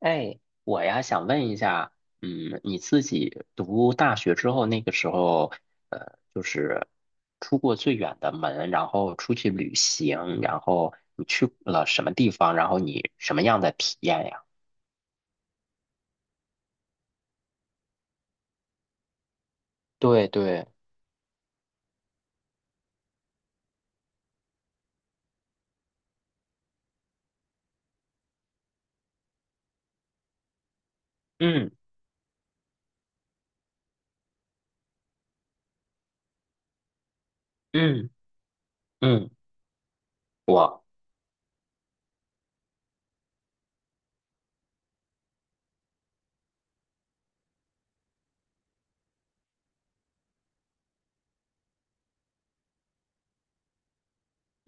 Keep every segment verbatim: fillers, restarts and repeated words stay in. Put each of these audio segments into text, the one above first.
哎，我呀想问一下，嗯，你自己读大学之后，那个时候，呃，就是出过最远的门，然后出去旅行，然后你去了什么地方，然后你什么样的体验呀？对对，嗯嗯嗯，我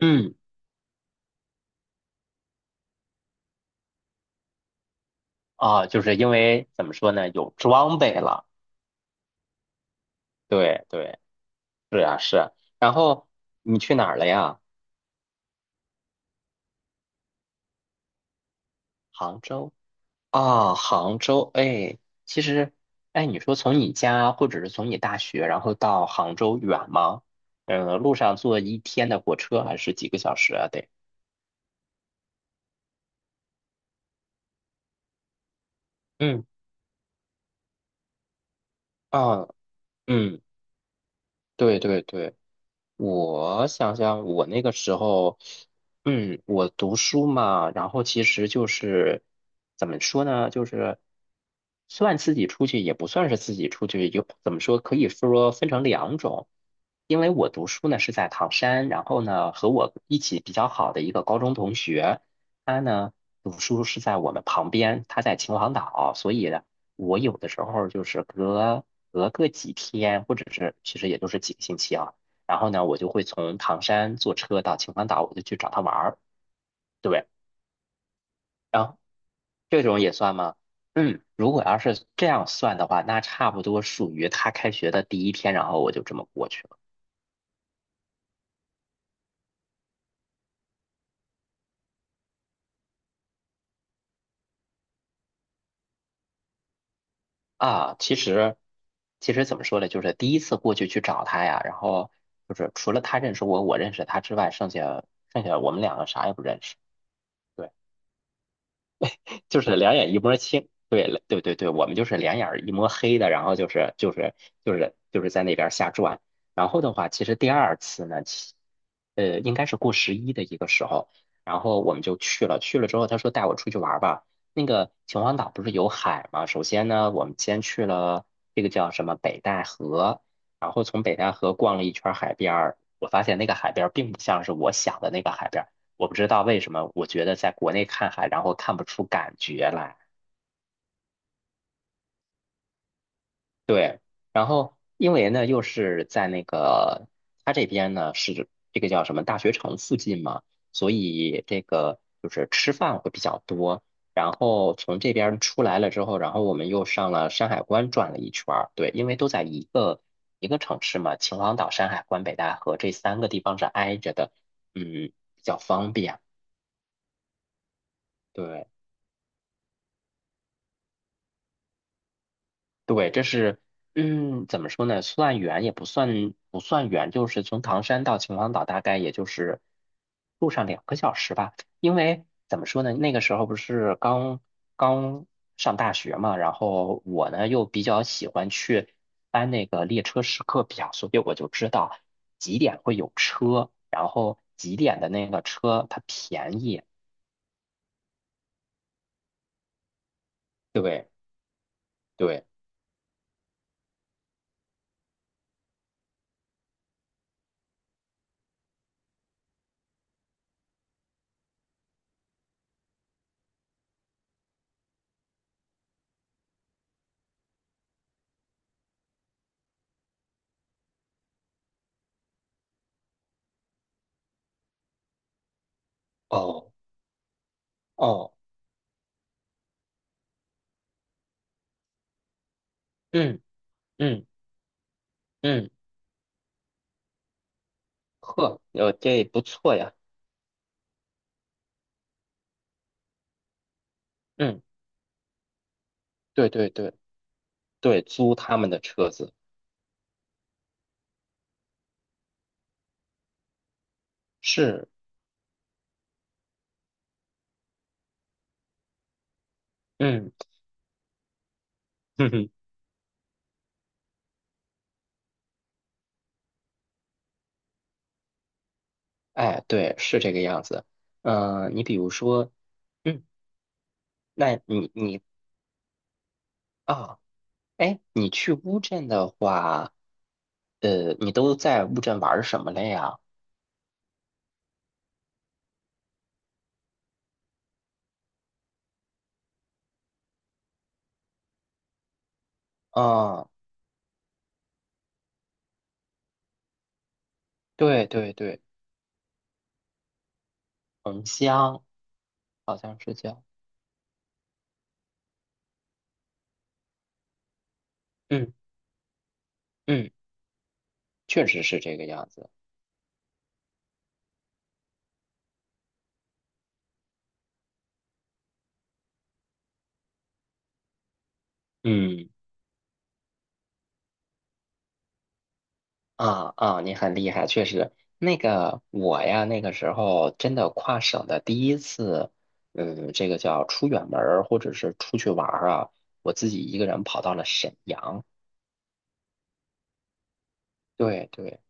嗯啊，就是因为怎么说呢，有装备了。对对，是啊是啊然后你去哪儿了呀？杭州。啊，杭州，哎，其实，哎，你说从你家或者是从你大学，然后到杭州远吗？呃，路上坐一天的火车还是几个小时啊？得，嗯，啊，嗯，对对对。我想想，我那个时候，嗯，我读书嘛，然后其实就是怎么说呢，就是算自己出去，也不算是自己出去，有怎么说，可以说分成两种。因为我读书呢是在唐山，然后呢和我一起比较好的一个高中同学，他呢读书是在我们旁边，他在秦皇岛，所以呢，我有的时候就是隔隔个几天，或者是其实也就是几个星期啊。然后呢，我就会从唐山坐车到秦皇岛，我就去找他玩儿。对不对，然后这种也算吗？嗯，如果要是这样算的话，那差不多属于他开学的第一天，然后我就这么过去了啊。其实，其实怎么说呢，就是第一次过去去找他呀，然后就是除了他认识我，我认识他之外，剩下剩下我们两个啥也不认识。对，就是两眼一摸清，对对对对，我们就是两眼儿一摸黑的，然后就是就是就是就是在那边儿瞎转。然后的话，其实第二次呢，其呃，应该是过十一的一个时候，然后我们就去了。去了之后，他说带我出去玩儿吧。那个秦皇岛不是有海吗？首先呢，我们先去了这个叫什么北戴河，然后从北戴河逛了一圈儿海边儿。我发现那个海边儿并不像是我想的那个海边，我不知道为什么，我觉得在国内看海，然后看不出感觉来。对，然后因为呢，又是在那个他这边呢是这个叫什么大学城附近嘛，所以这个就是吃饭会比较多。然后从这边出来了之后，然后我们又上了山海关转了一圈儿。对，因为都在一个一个城市嘛，秦皇岛、山海关、北戴河这三个地方是挨着的，嗯，比较方便。对。对，这是，嗯，怎么说呢？算远也不算，不算远，就是从唐山到秦皇岛，大概也就是路上两个小时吧。因为怎么说呢？那个时候不是刚刚上大学嘛，然后我呢又比较喜欢去翻那个列车时刻表，所以我就知道几点会有车，然后几点的那个车它便宜。对对，哦哦，嗯嗯嗯，呵，呃，这不错呀。嗯，对对对对，租他们的车子是，嗯，哼哼，哎，对，是这个样子。嗯，你比如说，嗯，那你你啊，哎，你去乌镇的话，呃，你都在乌镇玩儿什么了呀？啊，对对对，桐乡好像是叫，嗯嗯，确实是这个样子。嗯。啊啊，你很厉害，确实。那个我呀，那个时候真的跨省的第一次，嗯，这个叫出远门儿或者是出去玩儿啊，我自己一个人跑到了沈阳。对对，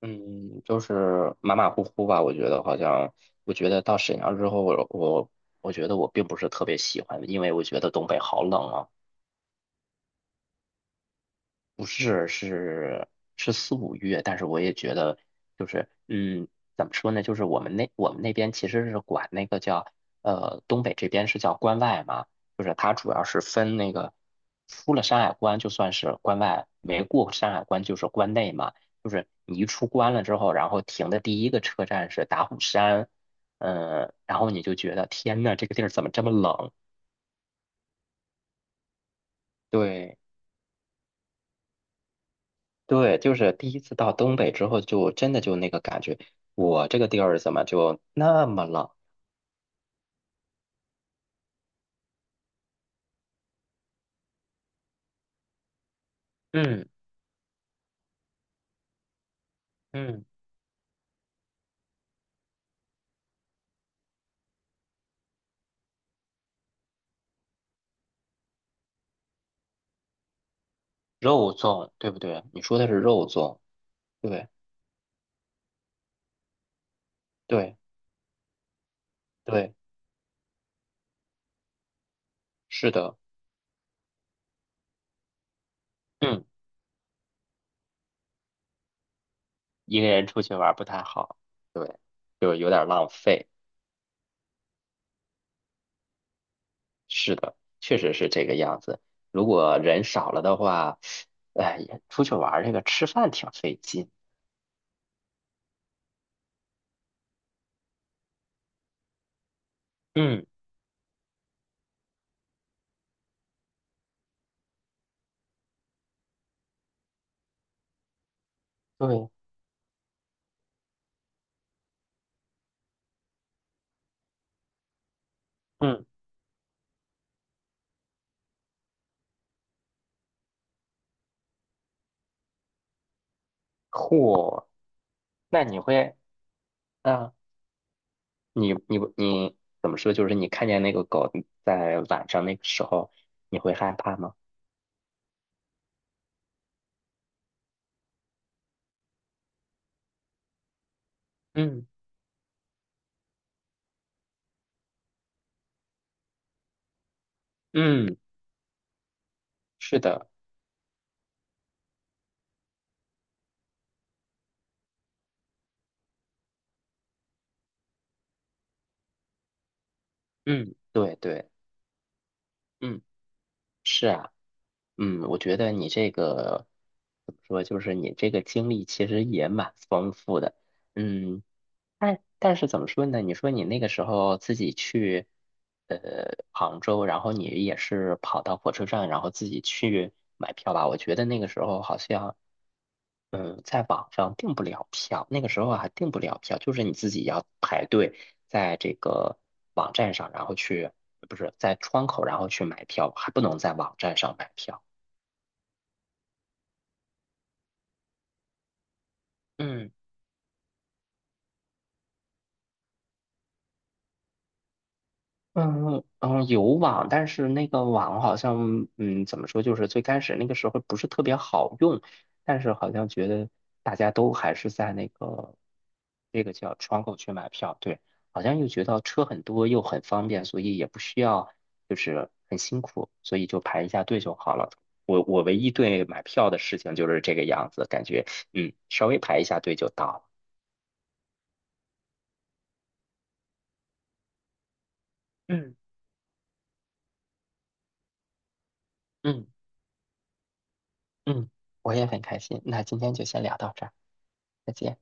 嗯，就是马马虎虎吧。我觉得好像，我觉得到沈阳之后，我我我觉得我并不是特别喜欢，因为我觉得东北好冷啊。不是，是是四五月，但是我也觉得，就是嗯，怎么说呢？就是我们那我们那边其实是管那个叫呃东北这边是叫关外嘛，就是它主要是分那个出了山海关就算是关外，没过山海关就是关内嘛。就是你一出关了之后，然后停的第一个车站是打虎山，嗯、然后你就觉得天呐，这个地儿怎么这么冷？对。对，就是第一次到东北之后，就真的就那个感觉，我这个地儿怎么就那么冷？嗯嗯，肉粽，对不对？你说的是肉粽，对对对，是的，嗯，一个人出去玩儿不太好，对，就有点儿浪费，是的，确实是这个样子。如果人少了的话，哎，也出去玩儿这个吃饭挺费劲。嗯，对，嗯，嚯，那你会，啊？你你你怎么说？就是你看见那个狗在晚上那个时候，你会害怕吗？嗯嗯，是的，嗯，对对，嗯嗯，我觉得你这个怎么说？就是你这个经历其实也蛮丰富的。嗯，但但是怎么说呢？你说你那个时候自己去呃杭州，然后你也是跑到火车站，然后自己去买票吧？我觉得那个时候好像。嗯，在网上订不了票，那个时候还订不了票，就是你自己要排队在这个网站上，然后去，不是在窗口，然后去买票，还不能在网站上买票。嗯。嗯嗯，有网，但是那个网好像，嗯，怎么说，就是最开始那个时候不是特别好用，但是好像觉得大家都还是在那个那个叫窗口去买票，对，好像又觉得车很多又很方便，所以也不需要就是很辛苦，所以就排一下队就好了。我我唯一对买票的事情就是这个样子，感觉嗯，稍微排一下队就到了。嗯嗯嗯，我也很开心。那今天就先聊到这儿，再见。